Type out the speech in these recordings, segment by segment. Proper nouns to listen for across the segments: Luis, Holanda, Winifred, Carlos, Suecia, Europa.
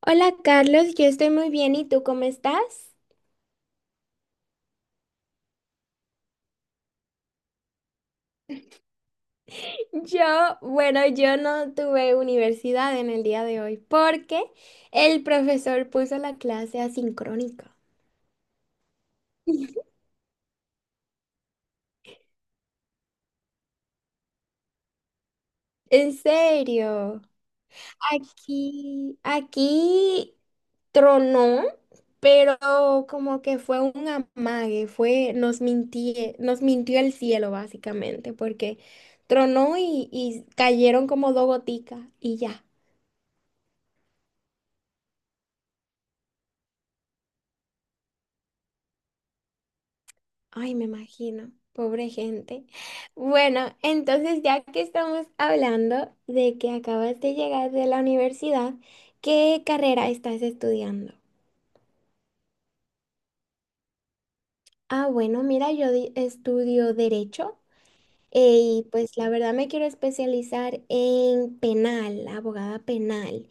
Hola Carlos, yo estoy muy bien, ¿y tú cómo estás? Yo, bueno, yo no tuve universidad en el día de hoy porque el profesor puso la clase asincrónica. En serio, aquí tronó, pero como que fue un amague, fue, nos mintió el cielo básicamente, porque tronó y cayeron como dos goticas y ya. Ay, me imagino, pobre gente. Bueno, entonces ya que estamos hablando de que acabas de llegar de la universidad, ¿qué carrera estás estudiando? Ah, bueno, mira, estudio derecho, eh, y pues la verdad me quiero especializar en penal, abogada penal.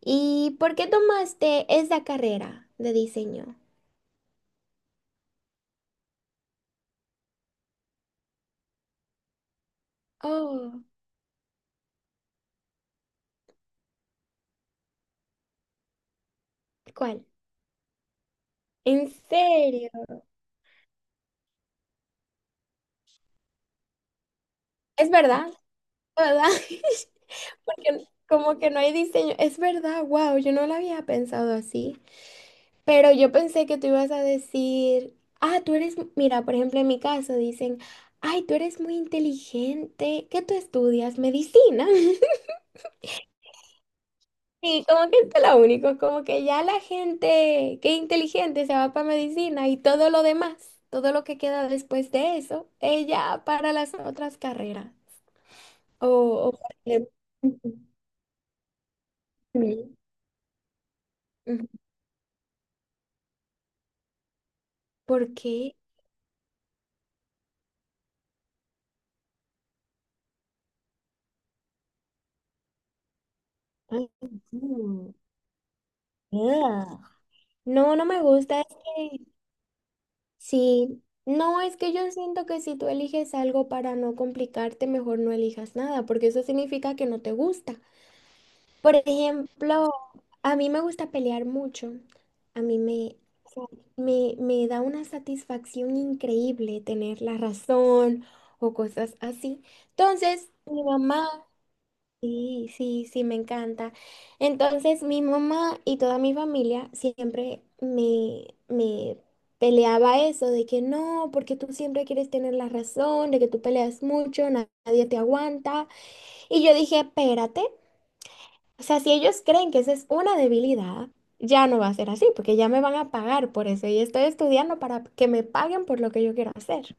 ¿Y por qué tomaste esa carrera de diseño? Oh, ¿cuál? ¿En serio? ¿Es verdad? ¿Verdad? Porque como que no hay diseño. Es verdad, wow, yo no lo había pensado así. Pero yo pensé que tú ibas a decir, ah, tú eres, mira, por ejemplo, en mi caso dicen, ay, tú eres muy inteligente, ¿qué tú estudias? Medicina. Y como que esto es lo único, como que ya la gente que es inteligente se va para medicina y todo lo demás, todo lo que queda después de eso, ella para las otras carreras. O, o- Ujú. ¿Por qué? Ay, no, ugh. No, no me gusta. Es que sí. No, es que yo siento que si tú eliges algo para no complicarte, mejor no elijas nada, porque eso significa que no te gusta. Por ejemplo, a mí me gusta pelear mucho. A mí me, o sea, me da una satisfacción increíble tener la razón o cosas así. Entonces, mi mamá. Sí, sí, sí, me encanta. Entonces, mi mamá y toda mi familia siempre me peleaba eso de que no, porque tú siempre quieres tener la razón, de que tú peleas mucho, nadie te aguanta. Y yo dije, espérate, o sea, si ellos creen que esa es una debilidad, ya no va a ser así, porque ya me van a pagar por eso y estoy estudiando para que me paguen por lo que yo quiero hacer,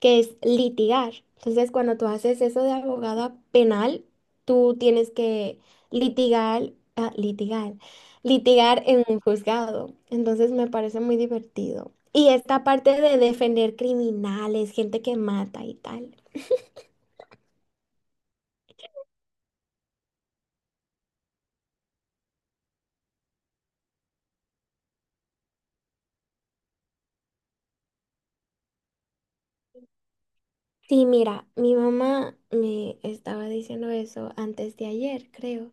que es litigar. Entonces, cuando tú haces eso de abogada penal, tú tienes que litigar, ah, litigar, litigar en un juzgado. Entonces, me parece muy divertido. Y esta parte de defender criminales, gente que mata y tal. Sí, mira, mi mamá me estaba diciendo eso antes de ayer, creo.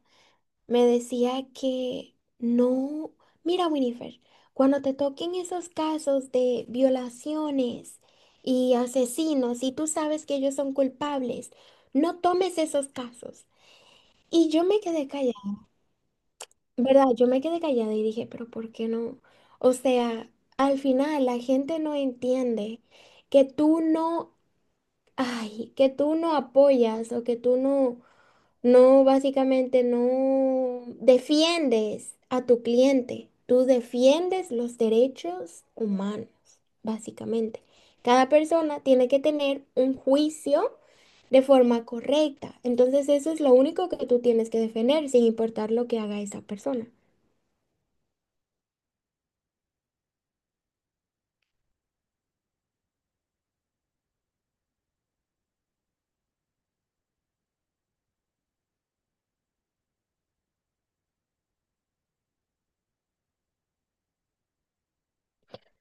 Me decía que no, mira Winifred, cuando te toquen esos casos de violaciones y asesinos y tú sabes que ellos son culpables, no tomes esos casos. Y yo me quedé callada, ¿verdad? Yo me quedé callada y dije, pero ¿por qué no? O sea, al final la gente no entiende que tú no, ay, que tú no apoyas o que tú no... No, básicamente no defiendes a tu cliente, tú defiendes los derechos humanos, básicamente. Cada persona tiene que tener un juicio de forma correcta. Entonces eso es lo único que tú tienes que defender, sin importar lo que haga esa persona.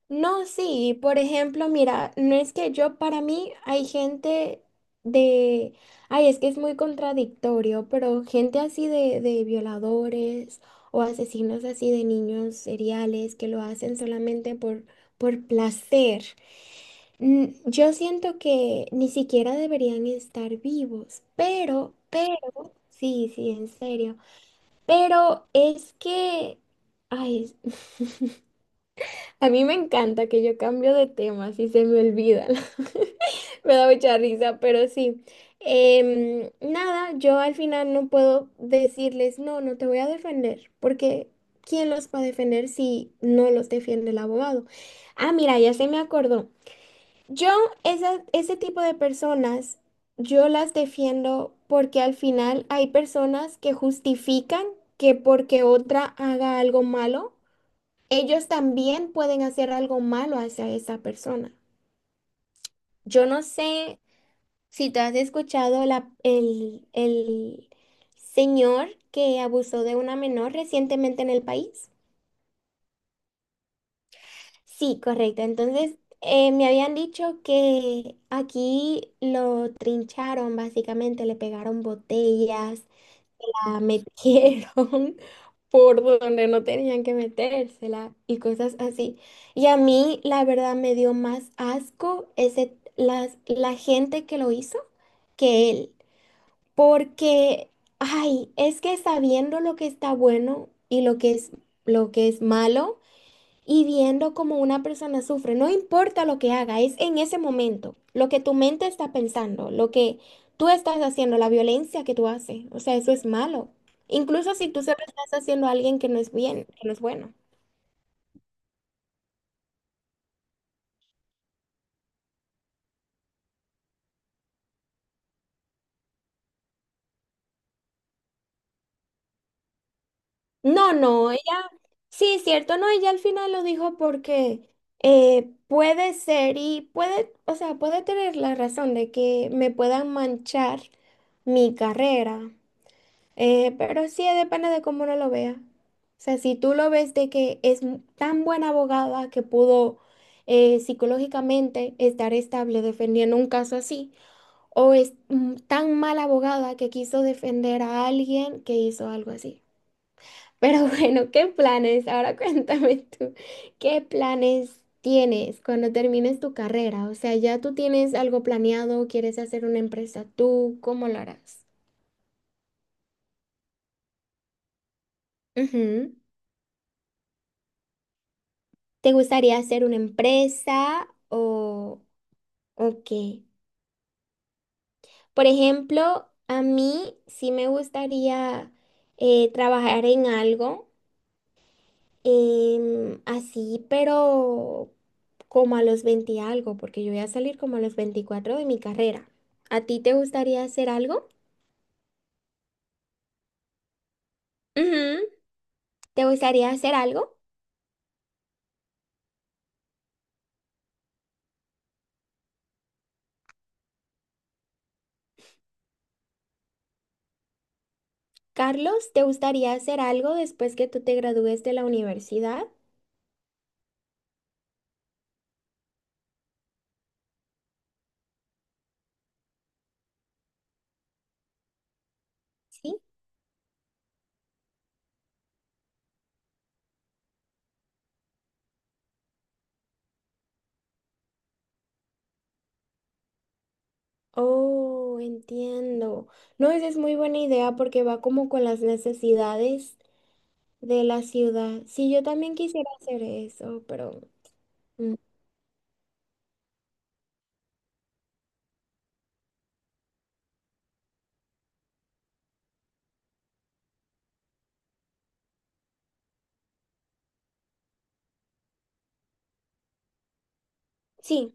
No, sí, por ejemplo, mira, no es que yo, para mí hay gente de, ay, es que es muy contradictorio, pero gente así de violadores o asesinos así de niños seriales que lo hacen solamente por placer. Yo siento que ni siquiera deberían estar vivos, pero, sí, sí, en serio, pero es que, ay, a mí me encanta que yo cambio de tema, si se me olvida. Me da mucha risa, pero sí. Nada, yo al final no puedo decirles, no, no te voy a defender, porque ¿quién los va a defender si no los defiende el abogado? Ah, mira, ya se me acordó. Yo, ese tipo de personas, yo las defiendo porque al final hay personas que justifican que porque otra haga algo malo ellos también pueden hacer algo malo hacia esa persona. Yo no sé si tú has escuchado el señor que abusó de una menor recientemente en el país. Sí, correcto. Entonces, me habían dicho que aquí lo trincharon, básicamente, le pegaron botellas, la metieron por donde no tenían que metérsela y cosas así. Y a mí, la verdad, me dio más asco ese, las, la gente que lo hizo que él. Porque, ay, es que sabiendo lo que está bueno y lo que es malo, y viendo cómo una persona sufre, no importa lo que haga, es en ese momento, lo que tu mente está pensando, lo que tú estás haciendo, la violencia que tú haces, o sea, eso es malo. Incluso si tú se lo estás haciendo a alguien que no es bien, que no es bueno. No, no, ella, sí, es cierto, no, ella al final lo dijo porque puede ser y puede, o sea, puede tener la razón de que me puedan manchar mi carrera. Pero sí, depende de cómo uno lo vea. O sea, si tú lo ves de que es tan buena abogada que pudo, psicológicamente estar estable defendiendo un caso así, o es tan mala abogada que quiso defender a alguien que hizo algo así. Pero bueno, ¿qué planes? Ahora cuéntame tú, ¿qué planes tienes cuando termines tu carrera? O sea, ¿ya tú tienes algo planeado? ¿Quieres hacer una empresa tú? ¿Cómo lo harás? Ujú. ¿Te gustaría hacer una empresa o qué? Por ejemplo, a mí sí me gustaría, trabajar en algo, así, pero como a los 20 y algo, porque yo voy a salir como a los 24 de mi carrera. ¿A ti te gustaría hacer algo? Ujú. ¿Te gustaría hacer algo? Carlos, ¿te gustaría hacer algo después que tú te gradúes de la universidad? Sí. Oh, entiendo. No, esa es muy buena idea porque va como con las necesidades de la ciudad. Sí, yo también quisiera hacer eso, pero mm, sí,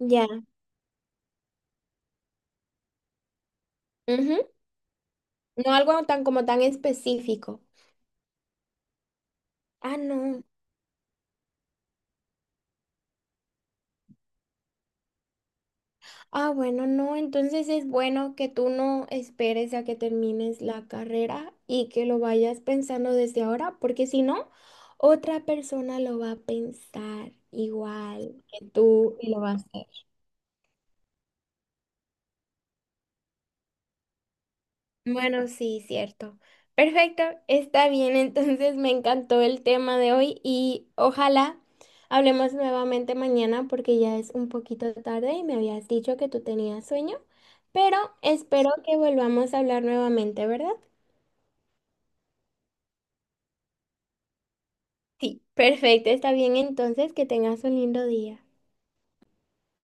ya. Ujú. No algo tan como tan específico. Ah, no. Ah, bueno, no. Entonces es bueno que tú no esperes a que termines la carrera y que lo vayas pensando desde ahora, porque si no, otra persona lo va a pensar igual que tú y lo va a hacer. Bueno, sí, cierto. Perfecto, está bien. Entonces me encantó el tema de hoy y ojalá hablemos nuevamente mañana porque ya es un poquito tarde y me habías dicho que tú tenías sueño, pero espero que volvamos a hablar nuevamente, ¿verdad? Sí, perfecto, está bien entonces, que tengas un lindo día.